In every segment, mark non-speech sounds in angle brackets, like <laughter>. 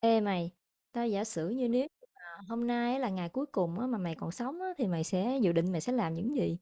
Ê mày, tao giả sử như nếu mà hôm nay á là ngày cuối cùng á, mà mày còn sống á, thì mày sẽ dự định mày sẽ làm những gì?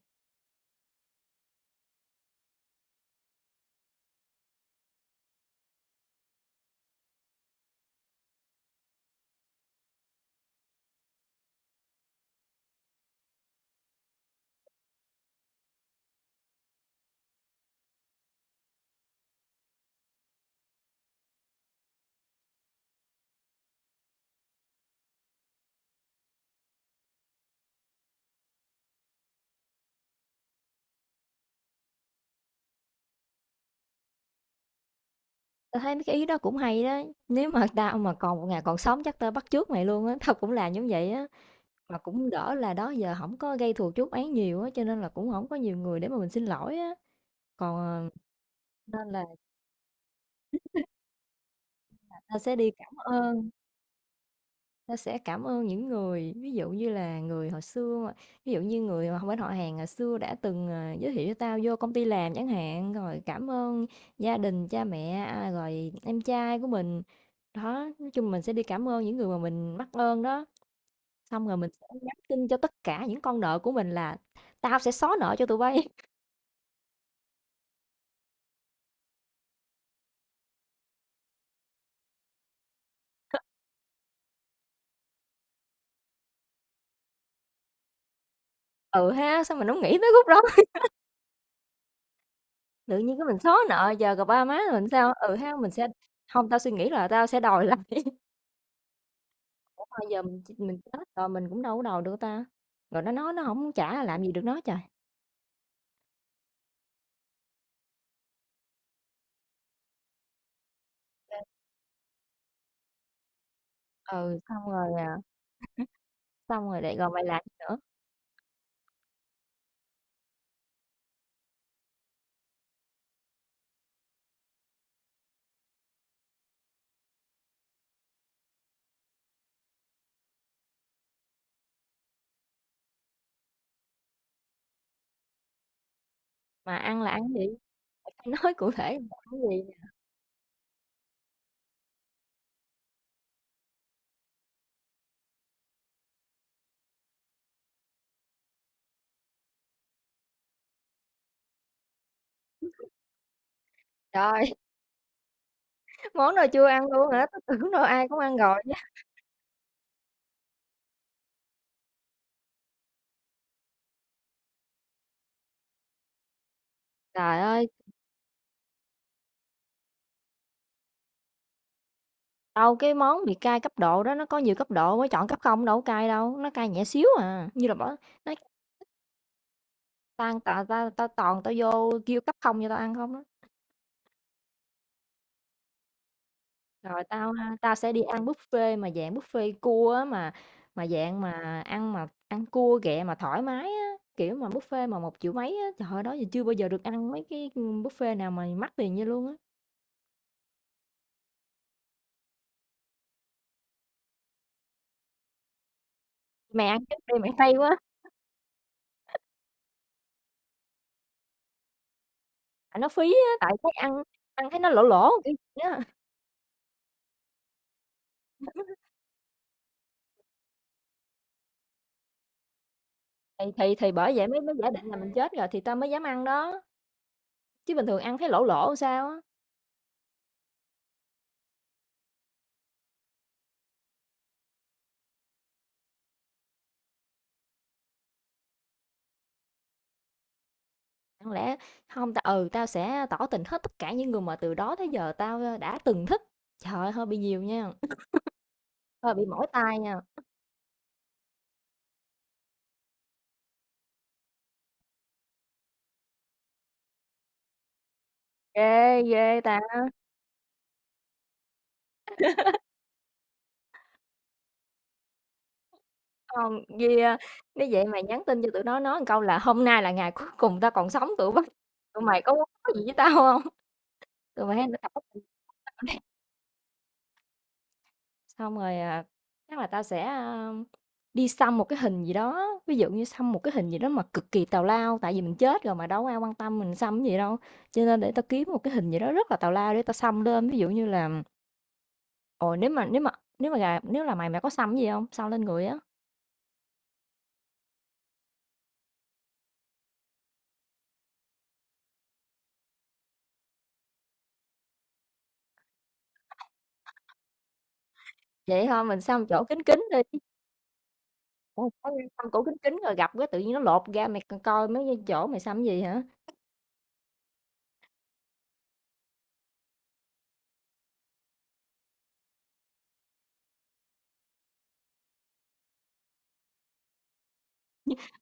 Tao thấy mấy cái ý đó cũng hay đó. Nếu mà tao mà còn một ngày còn sống chắc tao bắt chước mày luôn á, tao cũng làm giống vậy á. Mà cũng đỡ là đó giờ không có gây thù chuốc oán nhiều á, cho nên là cũng không có nhiều người để mà mình xin lỗi á. Còn nên là tao sẽ đi cảm ơn. Nó sẽ cảm ơn những người, ví dụ như là người hồi xưa mà ví dụ như người mà bên họ hàng hồi xưa đã từng, giới thiệu cho tao vô công ty làm chẳng hạn, rồi cảm ơn gia đình, cha mẹ, rồi em trai của mình. Đó, nói chung mình sẽ đi cảm ơn những người mà mình mắc ơn đó, xong rồi mình sẽ nhắn tin cho tất cả những con nợ của mình là "Tao sẽ xóa nợ cho tụi bay." <laughs> Ừ ha, sao mình hổng nghĩ tới khúc đó, <laughs> tự nhiên cái mình xóa nợ giờ gặp ba má mình sao? Ừ ha, mình sẽ không tao suy nghĩ là tao sẽ đòi <laughs> lại. Ủa mà giờ mình chết rồi mình cũng đâu có đầu được ta? Rồi nó nói nó không trả là làm gì được nó trời. Ừ, xong rồi, xong rồi lại rồi mày làm gì nữa? Mà ăn là ăn gì? Mày phải nói cụ thể là ăn gì nè? Trời, <laughs> món nào chưa ăn luôn hả? Tôi tưởng đâu ai cũng ăn rồi chứ. Trời ơi, đâu cái món bị cay cấp độ đó nó có nhiều cấp độ, mới chọn cấp không đâu có cay đâu, nó cay nhẹ xíu à, như là bỏ nói "Tao ăn tà tao tao toàn tao vô kêu cấp không cho tao ăn không" á. Rồi tao ha, tao sẽ đi ăn buffet mà dạng buffet cua á mà dạng mà ăn cua ghẹ mà thoải mái á, kiểu mà buffet mà 1 triệu mấy á, trời ơi đó giờ chưa bao giờ được ăn mấy cái buffet nào mà mắc tiền như luôn á. Mày ăn trước đi mày hay quá, tại nó phí á, tại thấy ăn ăn thấy nó lỗ lỗ kiểu gì á. Thì bởi vậy mới mới giả định là mình chết rồi thì tao mới dám ăn đó. Chứ bình thường ăn thấy lỗ lỗ sao á. Chẳng lẽ không tao sẽ tỏ tình hết tất cả những người mà từ đó tới giờ tao đã từng thích. Trời ơi hơi bị nhiều nha. Ờ, bị mỏi tai nha. Ghê, ghê ta. Hông, vì, nếu vậy mày nhắn tin cho tụi nó nói một câu là "Hôm nay là ngày cuối cùng tao còn sống, tụi mày có muốn nói gì với tao hông?" Tụi mày hãy tao có tình với tao nè. Xong rồi, chắc là tao sẽ, đi xăm một cái hình gì đó, ví dụ như xăm một cái hình gì đó mà cực kỳ tào lao, tại vì mình chết rồi mà đâu có ai quan tâm mình xăm cái gì đâu. Cho nên để tao kiếm một cái hình gì đó rất là tào lao để tao xăm lên, ví dụ như là, ồ, nếu mà nếu mà nếu mà gà nếu là mày, mày có xăm cái gì hông? Xăm lên người á. Vậy thôi. Mình sắm chỗ kín kín đi, ủa, có nghe sắm chỗ kín kín rồi gặp cái tự nhiên nó lột ra mày coi mấy cái chỗ mày sắm gì hả?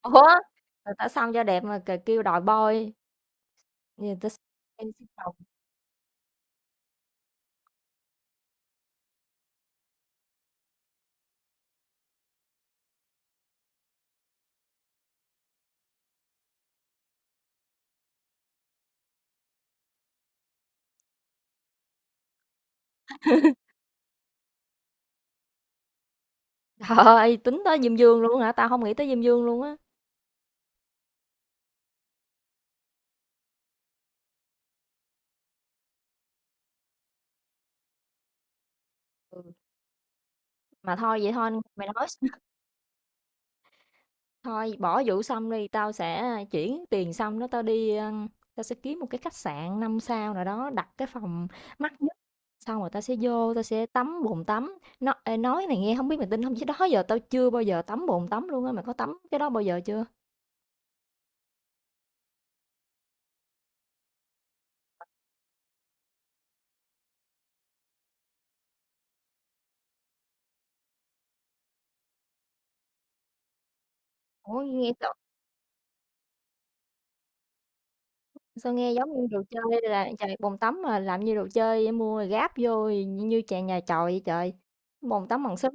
Ủa, người ta săn cho đẹp mà kêu đòi boy, người ta xăm em xăm đầu. Trời ơi, tính tới Diêm Dương luôn hả? Tao không nghĩ tới Diêm Dương luôn á. Ừ, mà thôi vậy thôi, mày nói. Thôi bỏ vụ xong đi, tao sẽ chuyển tiền xong đó tao sẽ kiếm một cái khách sạn 5 sao nào đó, đặt cái phòng mắc nhất. Xong rồi tao sẽ vô, tao sẽ tắm bồn tắm. Nó ê, nói này nghe không biết mày tin không chứ đó giờ tao chưa bao giờ tắm bồn tắm luôn á, mày có tắm cái đó bao giờ chưa? Ủa nghe sao, sao nghe giống như đồ chơi là trời bồn tắm mà làm như đồ chơi mua rồi gáp vô như chàng nhà chòi vậy trời. Bồn tắm bằng sứ.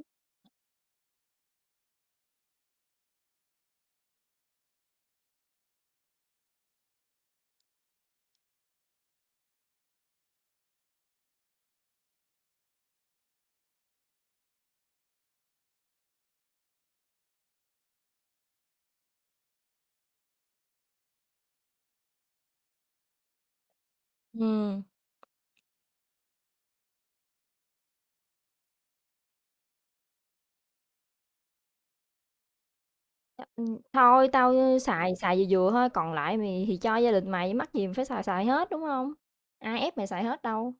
Ừ. Thôi tao xài xài vừa vừa thôi, còn lại mày thì cho gia đình mày, mắc gì mày phải xài xài hết, đúng không? Ai ép mày xài hết đâu.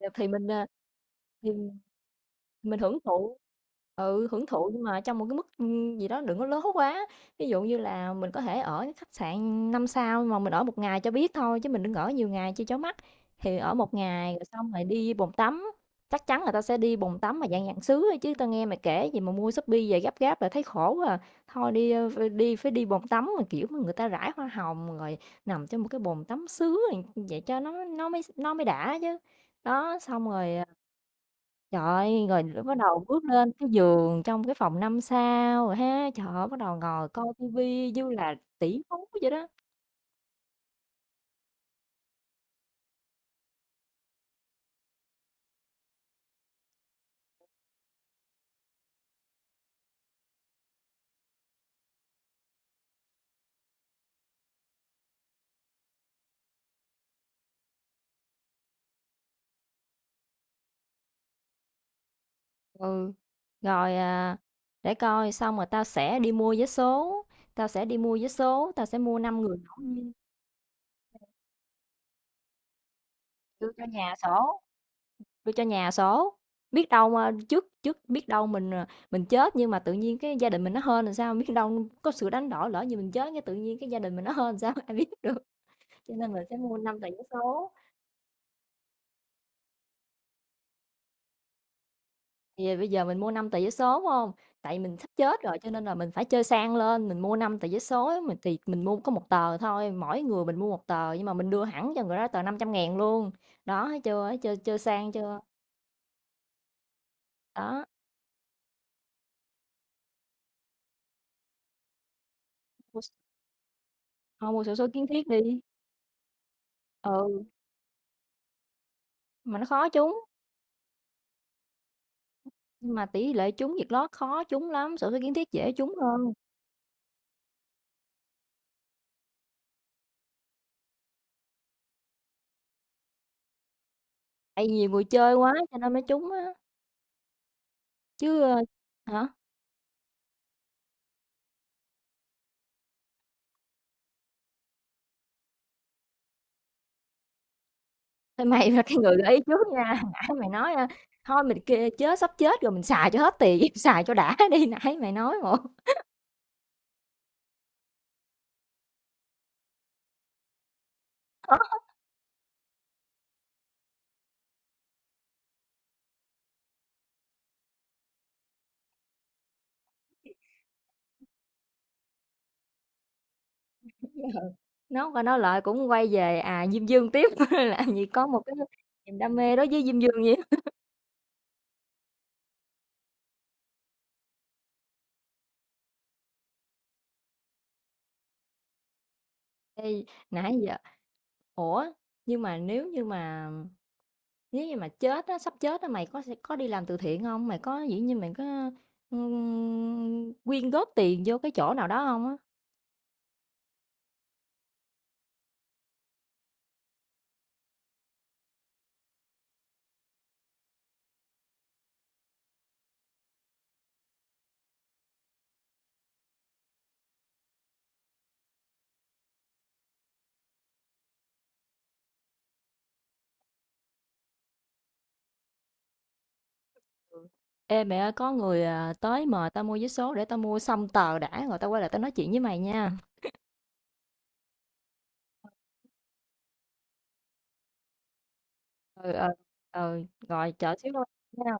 Thì mình, thì mình hưởng thụ ừ, hưởng thụ nhưng mà trong một cái mức, gì đó đừng có lớn quá. Ví dụ như là mình có thể ở cái khách sạn 5 sao mà mình ở một ngày cho biết thôi, chứ mình đừng ở nhiều ngày cho chó mắt. Thì ở một ngày rồi xong rồi đi bồn tắm, chắc chắn người ta sẽ đi bồn tắm mà dạng dạng sứa thôi chứ tao nghe mày kể gì mà mua Shopee về gấp gáp là thấy khổ quá à. Thôi đi, ơ, phải đi bồn tắm mà, kiểu, mà người ta rải hoa hồng rồi nằm trong một cái bồn tắm sứ rồi vậy cho nó mới đã chứ. Đó, xong rồi à, trời ơi, rồi lúc bắt đầu bước lên cái giường trong cái phòng 5 sao rồi ha, trời ơi, bắt đầu ngồi coi tivi như là tỷ phú vậy đó. Ừ, rồi, để coi xong rồi tao sẽ đi mua vé số, tao sẽ đi mua vé số, tao sẽ mua 5 người ngẫu nhiên, đưa cho nhà số, đưa cho nhà số. Biết đâu mà trước trước biết đâu mình chết nhưng mà tự nhiên cái gia đình mình nó hên làm sao, biết đâu có sự đánh đổi lỡ như mình chết cái tự nhiên cái gia đình mình nó hên làm sao <laughs> ai biết được. Cho nên mình sẽ mua 5 tờ vé số. Thì bây giờ mình mua 5 tờ vé số, phải hông? Tại mình sắp chết rồi cho nên là mình phải chơi sang lên, mình mua 5 tờ vé số, á, mình thì mình mua có một tờ thôi, mỗi người mình mua một tờ nhưng mà mình đưa hẳn cho người đó tờ 500.000 luôn. Đó, thấy chưa? Thấy chơi chơi sang chưa? Đó, mua s thôi mua xổ số kiến thiết đi. Ừ, mà nó khó trúng, nhưng mà tỷ lệ trúng Vietlott lót khó trúng lắm, xổ số kiến thiết dễ trúng hơn, tại vì nhiều người chơi quá cho nên mới trúng á, chứ, ơ hả? Thôi mày là cái người gợi ý trước nha, nãy mày nói, thôi mình kê chết sắp chết rồi mình xài cho hết tiền, <laughs> xài cho đã đi, nãy mày nói một nói qua nói lại cũng quay về, Diêm Dương tiếp, <laughs> làm gì có một cái niềm đam mê đối với Diêm Dương vậy. Ê, nãy giờ ủa, nhưng mà nếu như mà chết á, sắp chết á, mày có sẽ có đi làm từ thiện không? Mày có, kiểu như, mày có, quyên góp tiền vô cái chỗ nào đó không? Á? Ê mẹ ơi, có người à, tới mời tao mua vé số để tao mua xong tờ đã rồi tao quay lại tao nói chuyện với mày nha. Ừ ừ ừ rồi chờ xíu thôi nha.